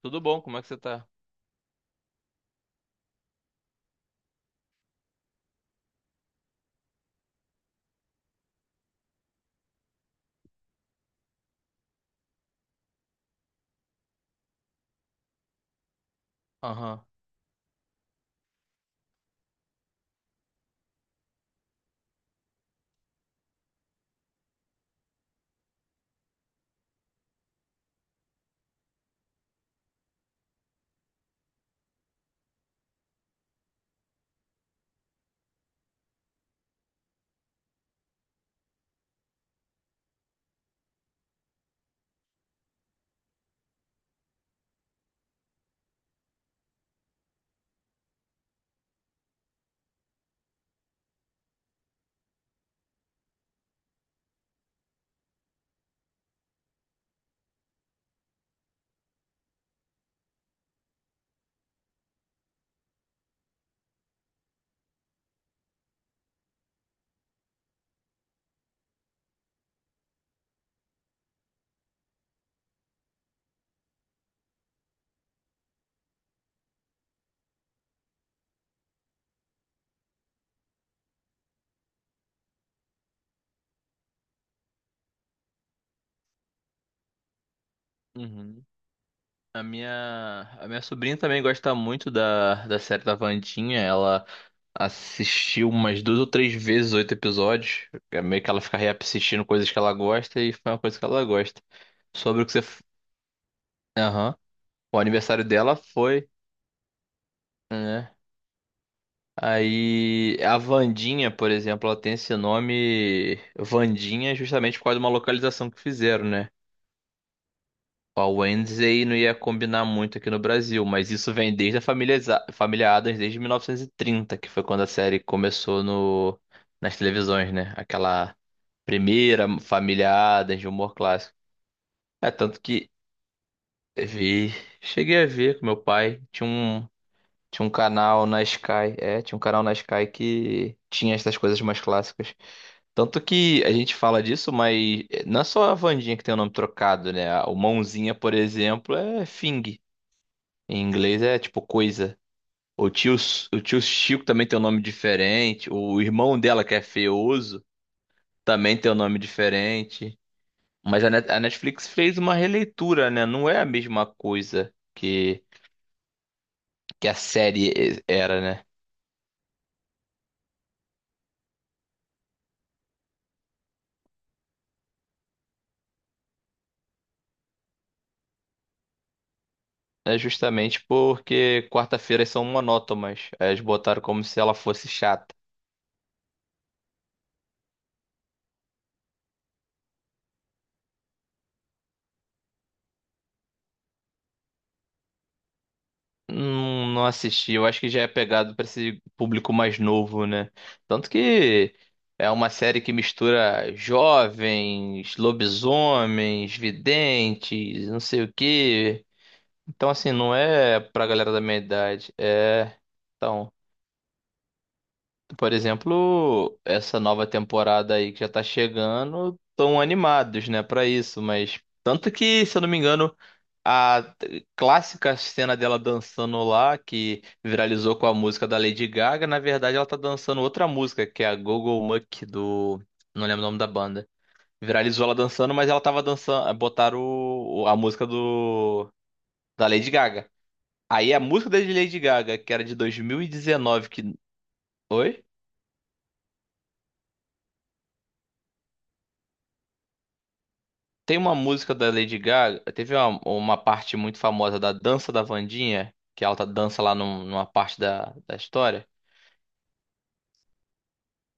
Tudo bom? Como é que você tá? Aham. Uhum. A minha sobrinha também gosta muito da série da Vandinha. Ela assistiu umas duas ou três vezes oito episódios. É meio que ela fica reassistindo coisas que ela gosta e foi uma coisa que ela gosta. Sobre o que você. Aham. O aniversário dela foi, né? Aí a Vandinha, por exemplo, ela tem esse nome Vandinha justamente por causa de uma localização que fizeram, né? A Wednesday não ia combinar muito aqui no Brasil, mas isso vem desde a família Addams, desde 1930, que foi quando a série começou no, nas televisões, né? Aquela primeira família Addams de humor clássico. É, tanto que eu vi, cheguei a ver com meu pai, tinha um canal na Sky, que tinha essas coisas mais clássicas. Tanto que a gente fala disso, mas não é só a Wandinha que tem o nome trocado, né? O Mãozinha, por exemplo, é Fing. Em inglês é tipo coisa. O tio, o tio Chico também tem um nome diferente. O irmão dela, que é Feoso, também tem um nome diferente. Mas a Netflix fez uma releitura, né? Não é a mesma coisa que a série era, né? É justamente porque quarta-feiras são monótonas. Aí eles botaram como se ela fosse chata. Não, não assisti, eu acho que já é pegado pra esse público mais novo, né? Tanto que é uma série que mistura jovens, lobisomens, videntes, não sei o quê. Então, assim, não é pra galera da minha idade. É. Então, por exemplo, essa nova temporada aí que já tá chegando, tão animados, né, pra isso, mas. Tanto que, se eu não me engano. A clássica cena dela dançando lá, que viralizou com a música da Lady Gaga, na verdade ela tá dançando outra música, que é a Go-Go Muck do. Não lembro o nome da banda. Viralizou ela dançando, mas ela tava dançando. Botaram a música do. Da Lady Gaga. Aí a música da Lady Gaga, que era de 2019, que. Oi? Tem uma música da Lady Gaga. Teve uma parte muito famosa da dança da Wandinha, que ela tá dança lá numa parte da história.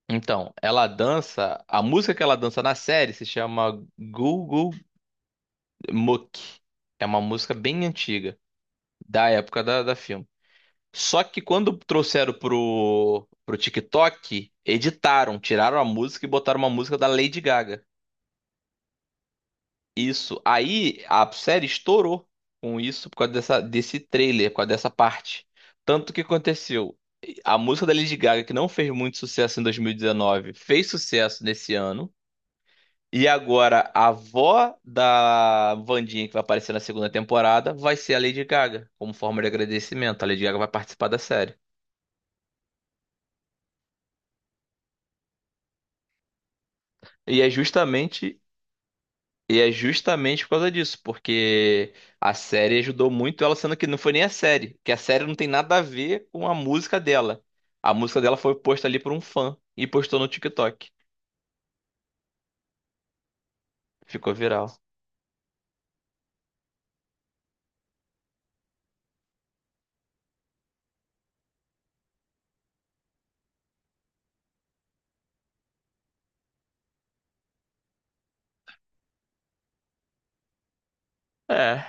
Então, ela dança. A música que ela dança na série se chama Google Mook. É uma música bem antiga, da época da filme. Só que quando trouxeram pro TikTok, editaram, tiraram a música e botaram uma música da Lady Gaga. Isso. Aí a série estourou com isso por causa dessa, desse trailer, por causa dessa parte. Tanto que aconteceu. A música da Lady Gaga, que não fez muito sucesso em 2019, fez sucesso nesse ano. E agora, a avó da Wandinha, que vai aparecer na segunda temporada, vai ser a Lady Gaga, como forma de agradecimento. A Lady Gaga vai participar da série. E é justamente, e é justamente por causa disso, porque a série ajudou muito ela, sendo que não foi nem a série, que a série não tem nada a ver com a música dela. A música dela foi posta ali por um fã e postou no TikTok. Ficou viral. É.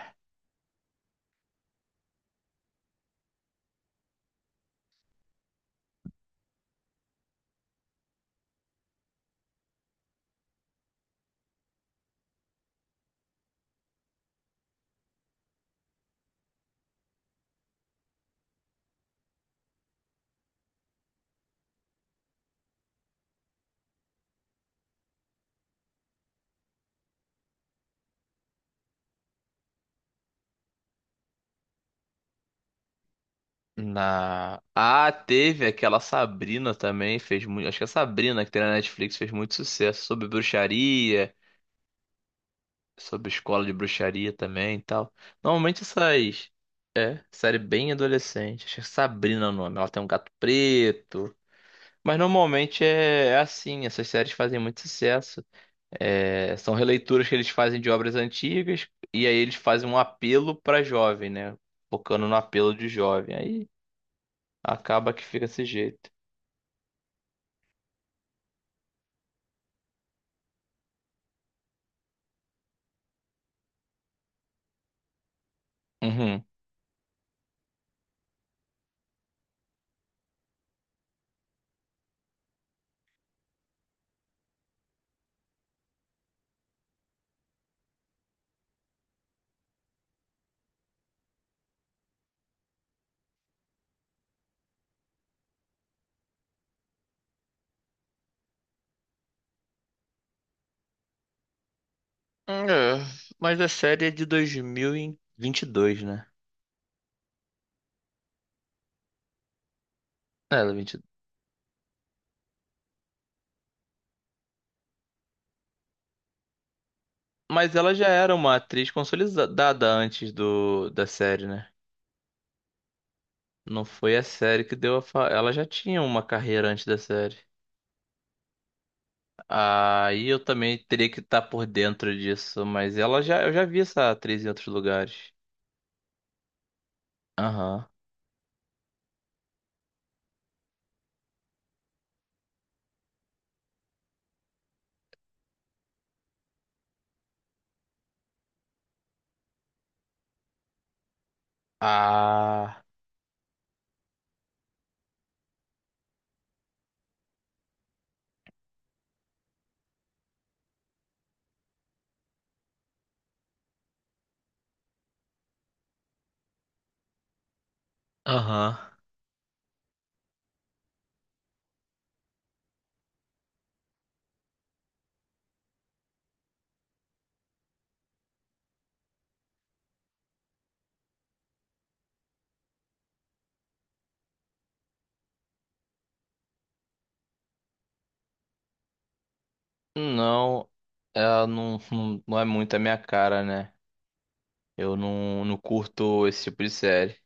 Ah, teve aquela Sabrina também, fez muito. Acho que a Sabrina que tem na Netflix fez muito sucesso sobre bruxaria, sobre escola de bruxaria também e tal. Normalmente essas. É, série bem adolescente. Acho que é Sabrina o nome. Ela tem um gato preto. Mas normalmente é assim, essas séries fazem muito sucesso. É, são releituras que eles fazem de obras antigas e aí eles fazem um apelo pra jovem, né? Focando no apelo de jovem. Aí acaba que fica desse jeito. Uhum. É, mas a série é de dois mil e vinte e dois, né? É, ela é 20... Mas ela já era uma atriz consolidada antes do, da série, né? Não foi a série que deu a fa... Ela já tinha uma carreira antes da série. Aí eu também teria que estar por dentro disso, mas ela já eu já vi essa atriz em outros lugares. Aham. Ah. Aham. Não, ela não, não, não é muito a minha cara, né? Eu não, não curto esse tipo de série.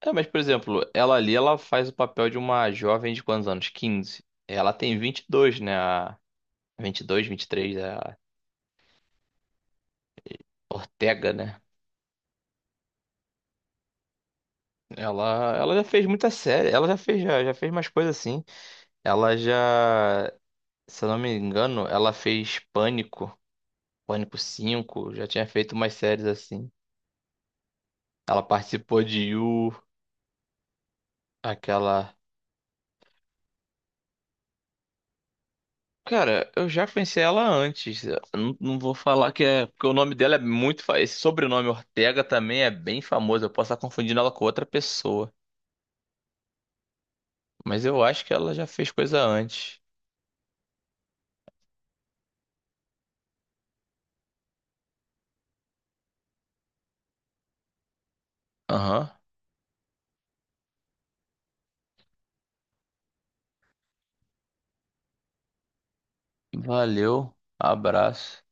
É, mas, por exemplo, ela ali, ela faz o papel de uma jovem de quantos anos? 15. Ela tem 22, né? A 22, 23, a Ortega, né? Ela já fez muita série. Ela já fez, já fez mais coisas assim. Ela já, se eu não me engano, ela fez Pânico, Pânico 5. Já tinha feito umas séries assim. Ela participou de You, aquela cara, eu já conheci ela antes. Eu não, não vou falar que é. Porque o nome dela é muito. Esse sobrenome Ortega também é bem famoso. Eu posso estar confundindo ela com outra pessoa. Mas eu acho que ela já fez coisa antes. Aham. Valeu. Abraço.